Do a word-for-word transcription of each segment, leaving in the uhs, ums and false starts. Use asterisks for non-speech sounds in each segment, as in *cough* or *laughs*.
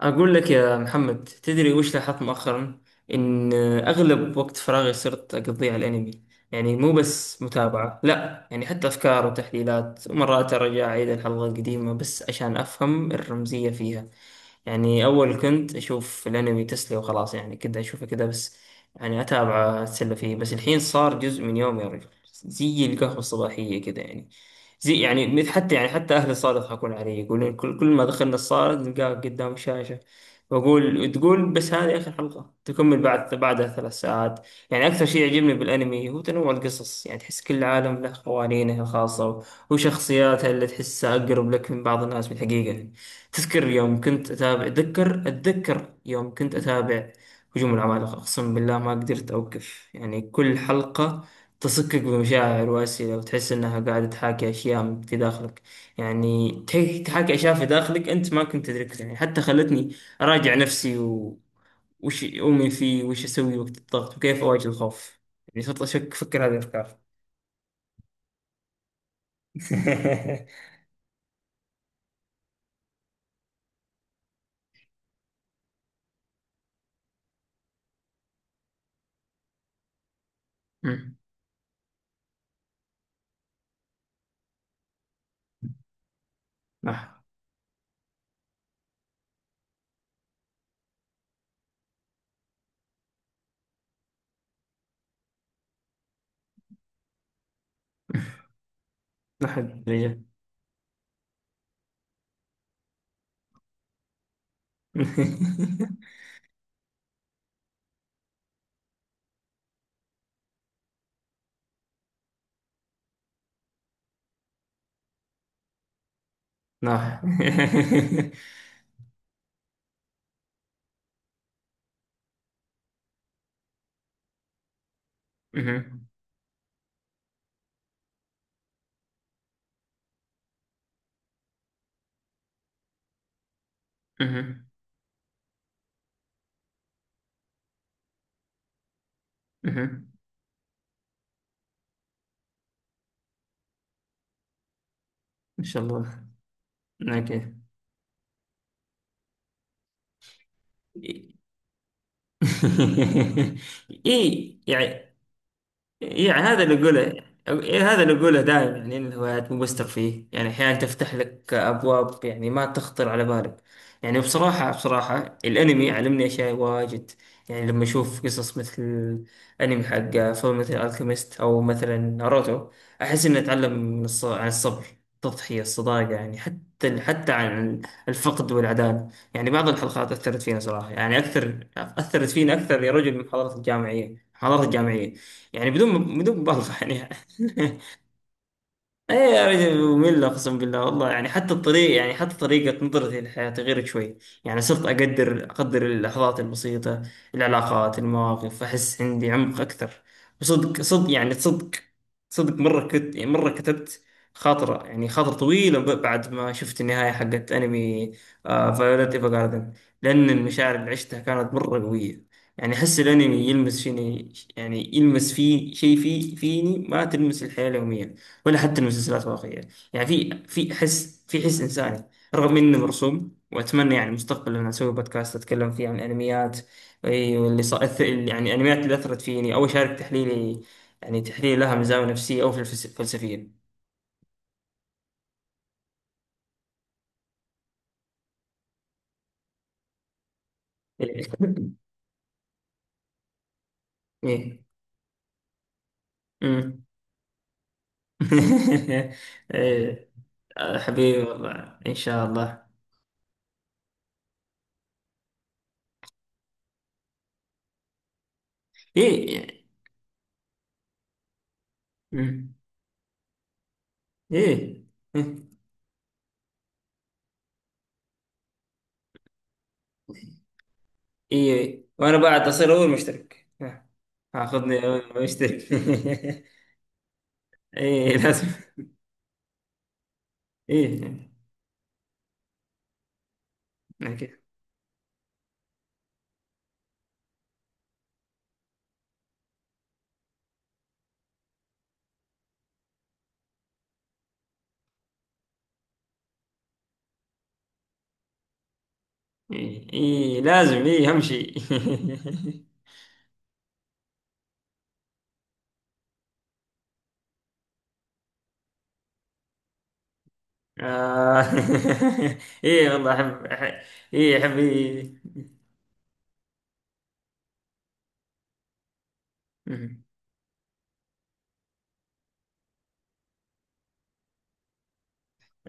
أقول لك يا محمد، تدري وش لاحظت مؤخرا؟ إن أغلب وقت فراغي صرت أقضيه على الأنمي. يعني مو بس متابعة، لا يعني حتى أفكار وتحليلات، ومرات أرجع أعيد الحلقة القديمة بس عشان أفهم الرمزية فيها. يعني أول كنت أشوف الأنمي تسلية وخلاص، يعني كده أشوفه كده بس. يعني أتابعه أتسلى فيه، بس الحين صار جزء من يومي يا رجل. زي القهوة الصباحية كده يعني. زي يعني مثل حتى يعني حتى أهلي صاروا يضحكون علي، يقولون كل, كل ما دخلنا الصالة نلقاك قدام الشاشة. وأقول تقول بس هذه آخر حلقة، تكمل بعد بعدها ثلاث ساعات. يعني أكثر شيء يعجبني بالأنمي هو تنوع القصص، يعني تحس كل عالم له قوانينه الخاصة، وشخصياتها اللي تحسها أقرب لك من بعض الناس بالحقيقة. تذكر يوم كنت أتابع أتذكر أتذكر يوم كنت أتابع هجوم العمالقة. أقسم بالله ما قدرت أوقف، يعني كل حلقة تصكك بمشاعر وأسئلة، وتحس إنها قاعدة تحاكي أشياء في داخلك. يعني تح- تحاكي أشياء في داخلك أنت ما كنت تدركها، يعني حتى خلتني أراجع نفسي، و... وش أؤمن فيه، وش أسوي وقت الضغط، وكيف أواجه الخوف. يعني صرت أشك أفكر هذه الأفكار. *laughs* مم. نح نح الدجاج. *laughs* نح. *laughs* مهم. مهم. مهم. إن شاء الله. أوكي. *laughs* إيه يعني. يعني هذا اللي أقوله. إيه، هذا اللي أقوله دائما، يعني إن الهوايات مو بس ترفيه، يعني أحيانا تفتح لك أبواب يعني ما تخطر على بالك. يعني بصراحة بصراحة الأنمي علمني أشياء واجد. يعني لما أشوف قصص مثل أنمي حق فيلم مثل ألكيميست أو مثلا ناروتو، أحس إني أتعلم من الص- عن الصبر، التضحية، الصداقة، يعني حتى حتى عن الفقد والعداله. يعني بعض الحلقات أثرت فينا صراحة، يعني أكثر، أثرت فينا أكثر يا رجل من محاضرات الجامعية محاضرات الجامعية، يعني بدون بدون مبالغة يعني. *laughs* ايه يا رجل ممل، اقسم بالله والله، يعني حتى الطريق يعني حتى طريقة نظرتي للحياة غيرت شوي. يعني صرت اقدر اقدر اللحظات البسيطة، العلاقات، المواقف، احس عندي عمق اكثر. وصدق صدق يعني صدق صدق مرة كت يعني مرة كتبت خاطرة يعني خاطرة طويلة ب- بعد ما شفت النهاية حقت انمي فايولت ايفا جاردن، لان المشاعر اللي عشتها كانت مرة قوية. يعني احس الانمي يلمس فيني، يعني يلمس في شيء في فيني، ما تلمس الحياة اليومية ولا حتى المسلسلات الواقعية. يعني في في حس في حس إنساني، رغم إنه مرسوم. وأتمنى يعني مستقبلا لما أسوي بودكاست أتكلم فيه عن الأنميات. إي، واللي صار أث- يعني الأنميات اللي أثرت فيني أو أشارك تحليلي، يعني تحليل لها من زاوية نفسية أو فلس- فلسفية. *laughs* إيه. أمم. *laughs* إيه. آه، حبيبي والله إن شاء الله. إيه. أمم. إيه. اي اي، وانا بعد اصير اول مشترك ها. هاخذني اول مشترك. *laughs* اي لازم. اي. اوكي. اي. إي، لازم. اي همشي. *laughs* آه. *laughs* اي والله احب أح- اي احب. إي.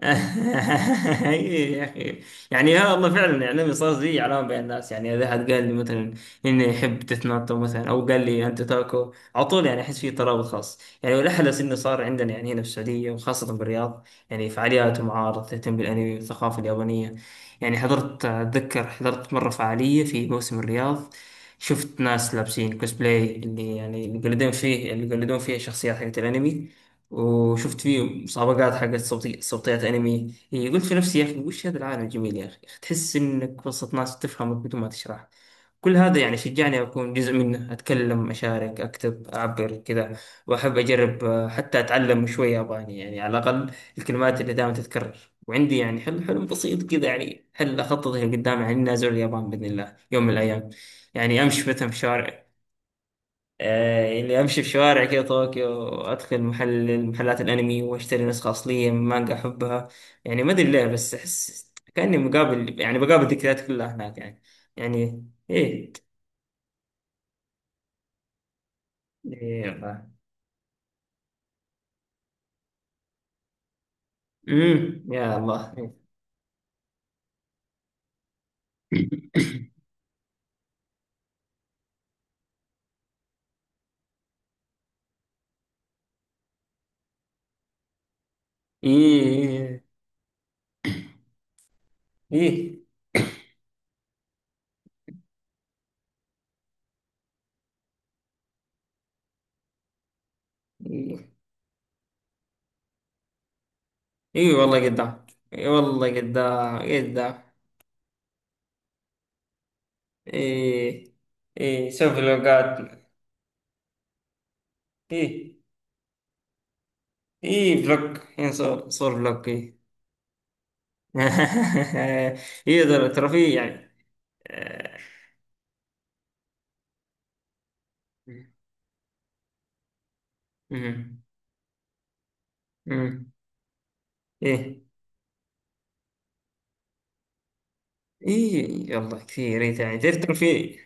*laughs* إيه يا اخي. يعني ها والله فعلا، يعني صار زي علامه بين الناس، يعني اذا احد قال لي مثلا اني يحب ديث نوت او مثلا او قال لي انت تاكو على طول، يعني احس في ترابط خاص، يعني والاحلى انه صار عندنا يعني هنا في السعوديه وخاصه بالرياض، يعني فعاليات ومعارض تهتم بالانمي والثقافه اليابانيه. يعني حضرت اتذكر حضرت مره فعاليه في موسم الرياض، شفت ناس لابسين كوسبلاي، اللي يعني اللي يقلدون فيه اللي يقلدون فيه شخصيات حقت الانمي. وشفت فيه مسابقات حقت صوتي صوتيات انمي. يعني قلت في نفسي يا اخي، وش هذا العالم الجميل يا اخي، تحس انك وسط ناس تفهمك بدون ما تشرح. كل هذا يعني شجعني اكون جزء منه، اتكلم اشارك اكتب اعبر كذا. واحب اجرب آه، حتى اتعلم شوي ياباني، يعني على الاقل الكلمات اللي دائما تتكرر. وعندي يعني حل حلم بسيط كذا، يعني حل اخطط اللي قدامي، يعني اني ازور اليابان باذن الله يوم من الايام. يعني امشي مثلا في شوارع آه، اللي امشي في شوارع كده طوكيو، وادخل محل محلات الانمي واشتري نسخة اصلية من مانجا احبها. يعني ما ادري ليه، بس احس كاني مقابل يعني بقابل ذكريات كلها هناك يعني. يعني ايه. ايه والله. امم. يا الله. ايه. ايه. ايه. ايه، إيه والله قدام. ايه والله قدام قدام. ايه. ايه سوي فلوقات. ايه. ايه فلوق، يعني صور صور فلوق. ايه. *laughs* يقدر ترفيه يعني. آه، مم. مم. ايه. ايه والله كثير. إيه يعني تعرف ترفيه.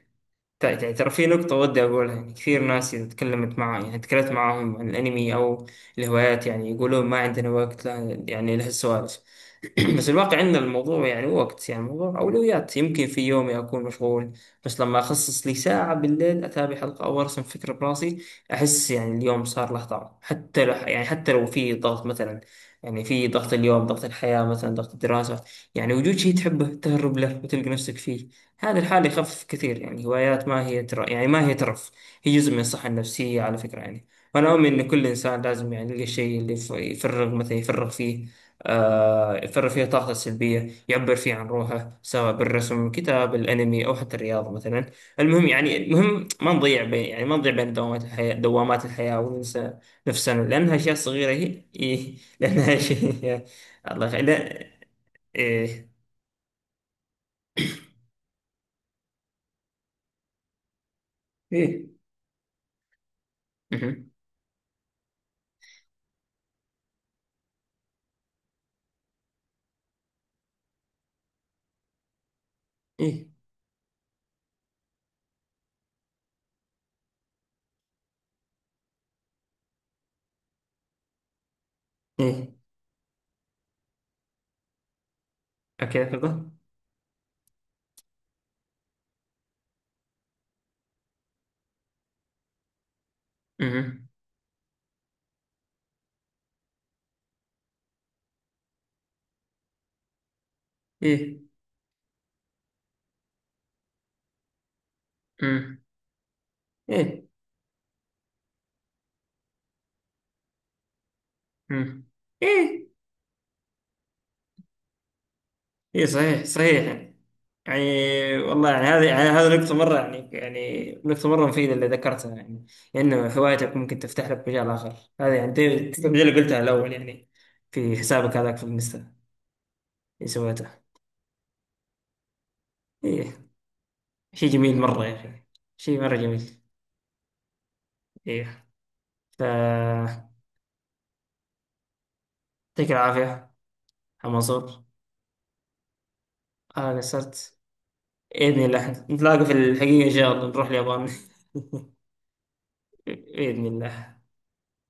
تع- تع- ترى في نقطة ودي أقولها، يعني كثير ناس إذا تكلمت معاه يعني تكلمت معاهم عن الأنمي أو الهوايات، يعني يقولون ما عندنا وقت، لا يعني لهالسوالف. *clears throat* بس الواقع عندنا الموضوع، يعني وقت، يعني الموضوع أولويات. يمكن في يومي أكون مشغول، بس لما أخصص لي ساعة بالليل أتابع حلقة أو أرسم فكرة براسي، أحس يعني اليوم صار له طعم. حتى لو يعني حتى لو في ضغط مثلا، يعني في ضغط اليوم، ضغط الحياة مثلا، ضغط الدراسة، يعني وجود شيء تحبه تهرب له وتلقى نفسك فيه هذه الحالة يخفف كثير. يعني هوايات ما هي تر... يعني ما هي ترف، هي جزء من الصحة النفسية على فكرة يعني. وأنا أؤمن إن كل إنسان لازم يعني يلقى الشيء اللي يف- يفرغ مثلا يفرغ فيه. آه يفرغ فيه طاقته السلبية، يعبر فيه عن روحه، سواء بالرسم، كتاب، الأنمي، أو حتى الرياضة مثلا. المهم يعني المهم ما نضيع بين يعني ما نضيع بين دوامات الحياة دوامات الحياة وننسى نفسنا، لأنها أشياء صغيرة هي. إيه، لأنها أشياء. *laughs* الله يخ- لا. إيه. إيه. مهم. إيه. إيه. أكاثبة. أمم. إيه. أمم. إيه. أمم. إيه. إيه صحيح صحيح يعني. يعني والله، يعني هذه يعني هذه نقطة مرة يعني يعني نقطة مرة مفيدة اللي ذكرتها يعني، إنه هوايتك ممكن تفتح لك مجال آخر. هذه يعني دي- دي اللي قلتها الأول يعني، في حسابك هذاك في الانستا اللي سويته. إيه. شيء جميل مرة يا أخي. شيء مرة جميل. إيه. ف يعطيك العافية يا منصور. أنا قصرت. بإذن الله نتلاقى في الحقيقة، إن شاء الله نروح اليابان بإذن الله.